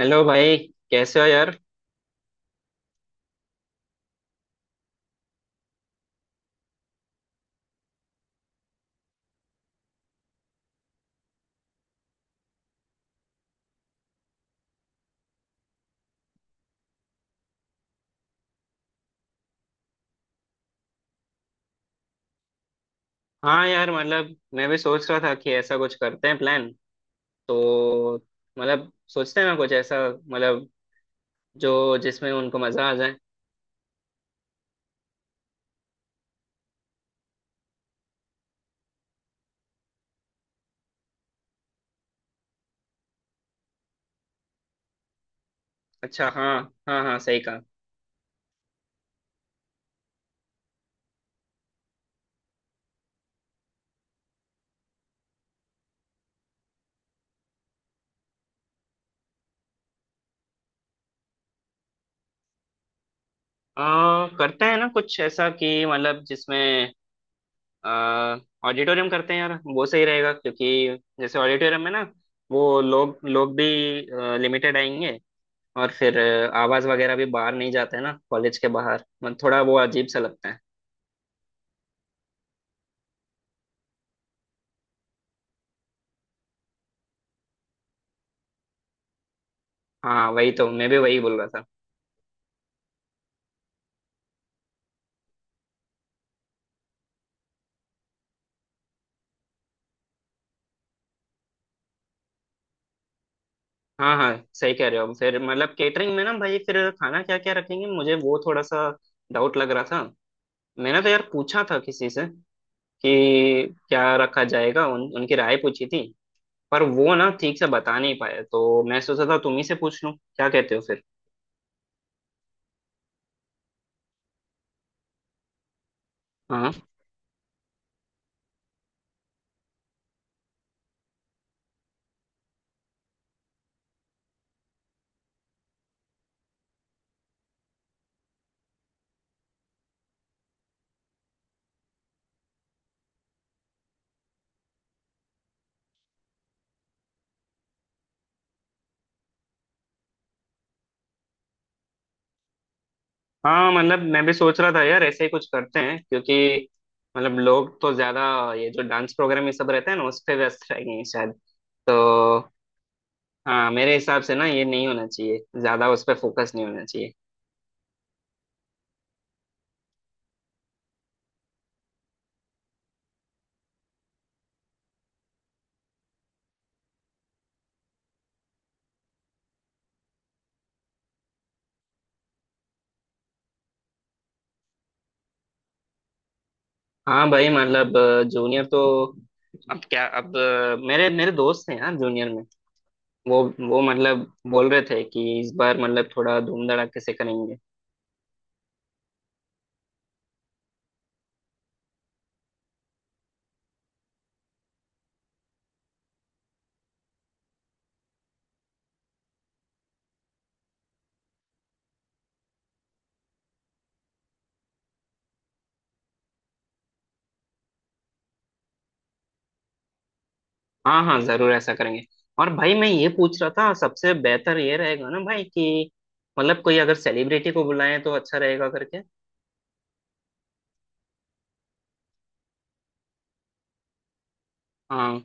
Hello भाई। कैसे हो यार। हाँ यार, मतलब मैं भी सोच रहा था कि ऐसा कुछ करते हैं प्लान। तो मतलब सोचते हैं ना कुछ ऐसा, मतलब जो जिसमें उनको मजा आ जाए। अच्छा। हाँ हाँ हाँ, सही कहा। करते हैं ना कुछ ऐसा कि मतलब जिसमें आ, ऑडिटोरियम करते हैं यार, वो सही रहेगा क्योंकि जैसे ऑडिटोरियम में ना वो लोग लोग भी लिमिटेड आएंगे। और फिर आवाज वगैरह भी बाहर नहीं जाते ना कॉलेज के बाहर, मतलब थोड़ा वो अजीब सा लगता है। हाँ, वही तो मैं भी वही बोल रहा था। हाँ हाँ, सही कह रहे हो। फिर मतलब केटरिंग में ना भाई, फिर खाना क्या क्या रखेंगे, मुझे वो थोड़ा सा डाउट लग रहा था। मैंने तो यार पूछा था किसी से कि क्या रखा जाएगा, उनकी राय पूछी थी। पर वो ना ठीक से बता नहीं पाए, तो मैं सोचा था तुम ही से पूछ लूं। क्या कहते हो फिर? हाँ हाँ, मतलब मैं भी सोच रहा था यार, ऐसे ही कुछ करते हैं क्योंकि मतलब लोग तो ज्यादा ये जो डांस प्रोग्राम ये सब रहते हैं ना, उस पे व्यस्त रहेंगे शायद, तो हाँ, मेरे हिसाब से ना ये नहीं होना चाहिए, ज्यादा उस पर फोकस नहीं होना चाहिए। हाँ भाई, मतलब जूनियर तो अब क्या, अब मेरे मेरे दोस्त हैं यार जूनियर में। वो वो मतलब बोल रहे थे कि इस बार मतलब थोड़ा धूम धड़ाके से करेंगे। हाँ हाँ, जरूर ऐसा करेंगे। और भाई मैं ये पूछ रहा था, सबसे बेहतर ये रहेगा ना भाई, कि मतलब कोई अगर सेलिब्रिटी को बुलाएं तो अच्छा रहेगा करके। हाँ।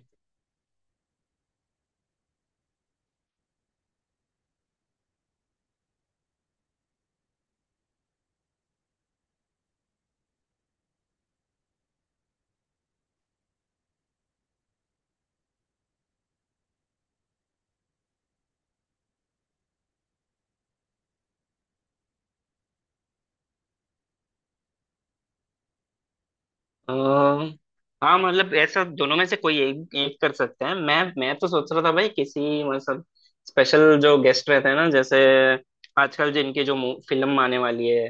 अ, हाँ मतलब ऐसा, दोनों में से कोई एक एक कर सकते हैं। मैं तो सोच रहा था भाई किसी मतलब स्पेशल, जो गेस्ट रहते हैं ना, जैसे आजकल जिनकी जो फिल्म आने वाली है,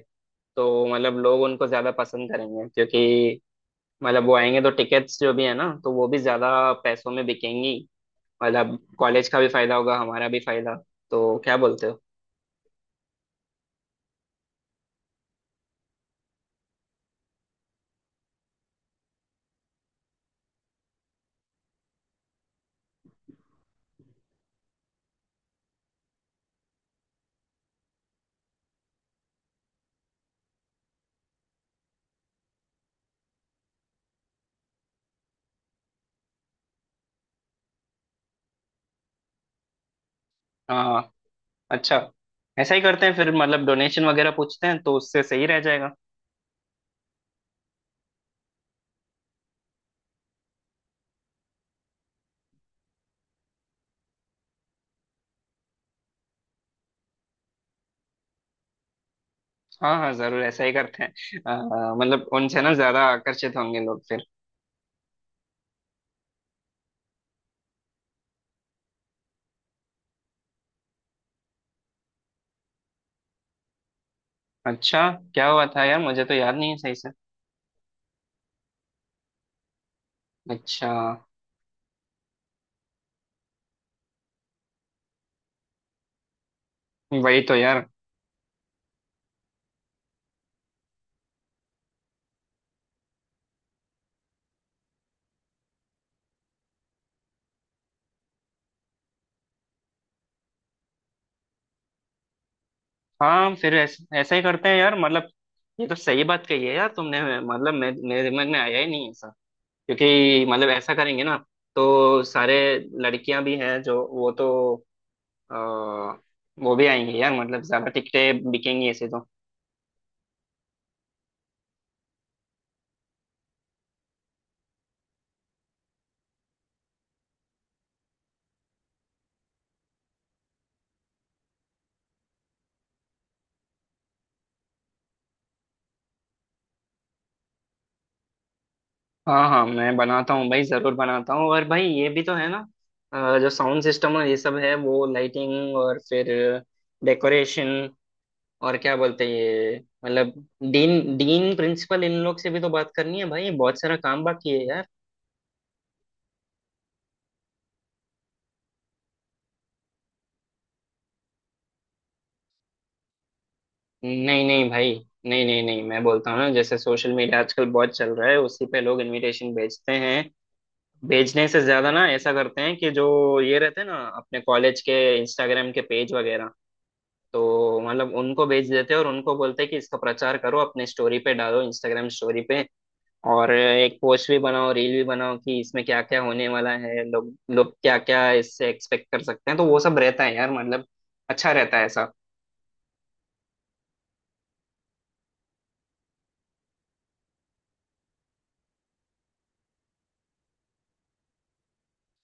तो मतलब लोग उनको ज्यादा पसंद करेंगे, क्योंकि मतलब वो आएंगे तो टिकट्स जो भी है ना, तो वो भी ज्यादा पैसों में बिकेंगी। मतलब कॉलेज का भी फायदा होगा, हमारा भी फायदा। तो क्या बोलते हो? हाँ। अच्छा, ऐसा ही करते हैं फिर। मतलब डोनेशन वगैरह पूछते हैं, तो उससे सही रह जाएगा। हाँ हाँ, जरूर ऐसा ही करते हैं। मतलब उनसे ना ज्यादा आकर्षित होंगे लोग फिर। अच्छा, क्या हुआ था यार? मुझे तो याद नहीं है सही से। अच्छा। वही तो यार। हाँ, फिर ऐसा ऐसा ही करते हैं यार, मतलब ये तो सही बात कही है यार तुमने, मतलब मेरे दिमाग में आया ही नहीं ऐसा, क्योंकि मतलब ऐसा करेंगे ना। तो सारे लड़कियां भी हैं, जो वो तो आ, वो भी आएंगी यार, मतलब ज्यादा टिकटें बिकेंगी ऐसे तो। हाँ हाँ, मैं बनाता हूँ भाई, जरूर बनाता हूँ। और भाई ये भी तो है ना, जो साउंड सिस्टम और ये सब है, वो लाइटिंग और फिर डेकोरेशन, और क्या बोलते हैं ये, मतलब डीन डीन प्रिंसिपल इन लोग से भी तो बात करनी है भाई, बहुत सारा काम बाकी है यार। नहीं नहीं भाई, नहीं नहीं नहीं, मैं बोलता हूँ ना, जैसे सोशल मीडिया आजकल बहुत चल रहा है, उसी पे लोग इनविटेशन भेजते हैं। भेजने से ज्यादा ना ऐसा करते हैं कि जो ये रहते हैं ना अपने कॉलेज के इंस्टाग्राम के पेज वगैरह, तो मतलब उनको बेच देते और उनको बोलते कि इसका प्रचार करो, अपने स्टोरी पे डालो, इंस्टाग्राम स्टोरी पे। और एक पोस्ट भी बनाओ, रील भी बनाओ, कि इसमें क्या क्या होने वाला है, लोग लोग क्या क्या इससे एक्सपेक्ट कर सकते हैं, तो वो सब रहता है यार मतलब। अच्छा रहता है ऐसा।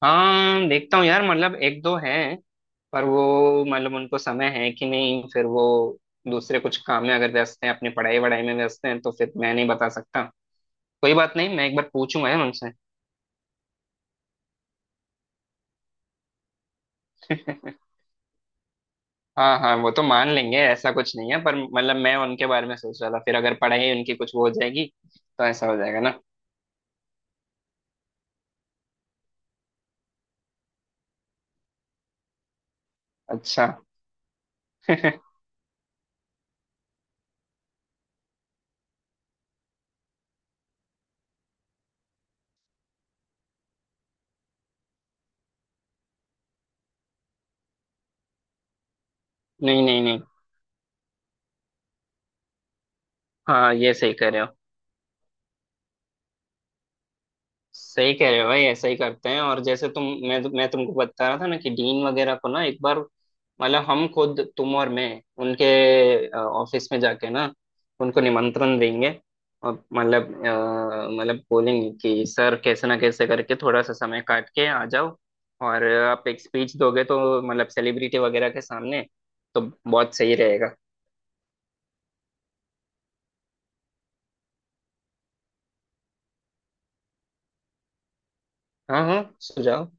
हाँ, देखता हूँ यार, मतलब एक दो हैं। पर वो, मतलब उनको समय है कि नहीं, फिर वो दूसरे कुछ काम में अगर व्यस्त हैं, अपनी पढ़ाई वढ़ाई में व्यस्त हैं, तो फिर मैं नहीं बता सकता। कोई बात नहीं, मैं एक बार पूछूंगा यार उनसे। हाँ हाँ, वो तो मान लेंगे, ऐसा कुछ नहीं है। पर मतलब मैं उनके बारे में सोच रहा था, फिर अगर पढ़ाई उनकी कुछ वो हो जाएगी, तो ऐसा हो जाएगा ना। अच्छा। नहीं नहीं नहीं। हाँ ये सही कह रहे हो। सही कह रहे हो भाई, ऐसा ही करते हैं। और जैसे तुम, मैं तुमको बता रहा था ना कि डीन वगैरह को ना एक बार, मतलब हम खुद, तुम और मैं, उनके ऑफिस में जाके ना उनको निमंत्रण देंगे। और मतलब मतलब बोलेंगे कि सर, कैसे ना कैसे करके थोड़ा सा समय काट के आ जाओ, और आप एक स्पीच दोगे तो मतलब सेलिब्रिटी वगैरह के सामने, तो बहुत सही रहेगा। हाँ हाँ, सुझाव।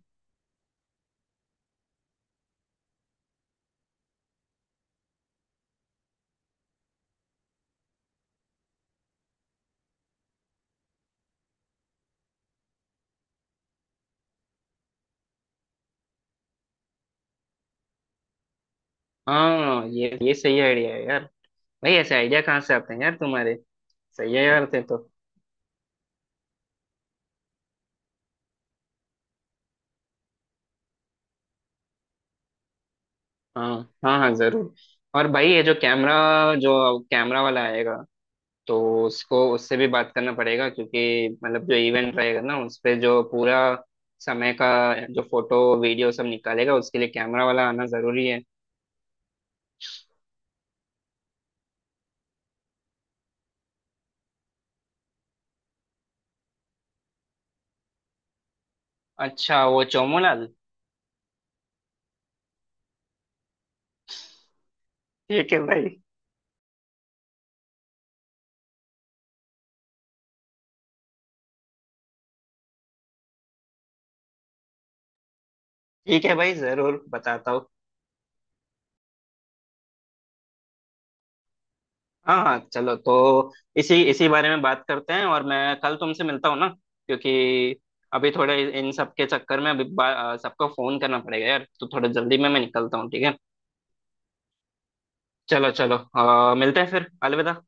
हाँ, ये सही आइडिया है यार। भाई ऐसे आइडिया कहाँ से आते हैं यार तुम्हारे? सही है यार, थे तो। हाँ हाँ हाँ, जरूर। और भाई ये जो कैमरा वाला आएगा, तो उसको उससे भी बात करना पड़ेगा, क्योंकि मतलब जो इवेंट रहेगा ना उस पे, जो पूरा समय का जो फोटो वीडियो सब निकालेगा, उसके लिए कैमरा वाला आना जरूरी है। अच्छा, वो चोमोलाल। ठीक है भाई। ठीक है भाई, जरूर बताता हूँ। हाँ हाँ, चलो तो इसी इसी बारे में बात करते हैं, और मैं कल तुमसे मिलता हूँ ना, क्योंकि अभी थोड़े इन सब के चक्कर में, अभी सबको फोन करना पड़ेगा यार, तो थोड़ा जल्दी में मैं निकलता हूँ, ठीक है। चलो चलो, मिलते हैं फिर। अलविदा।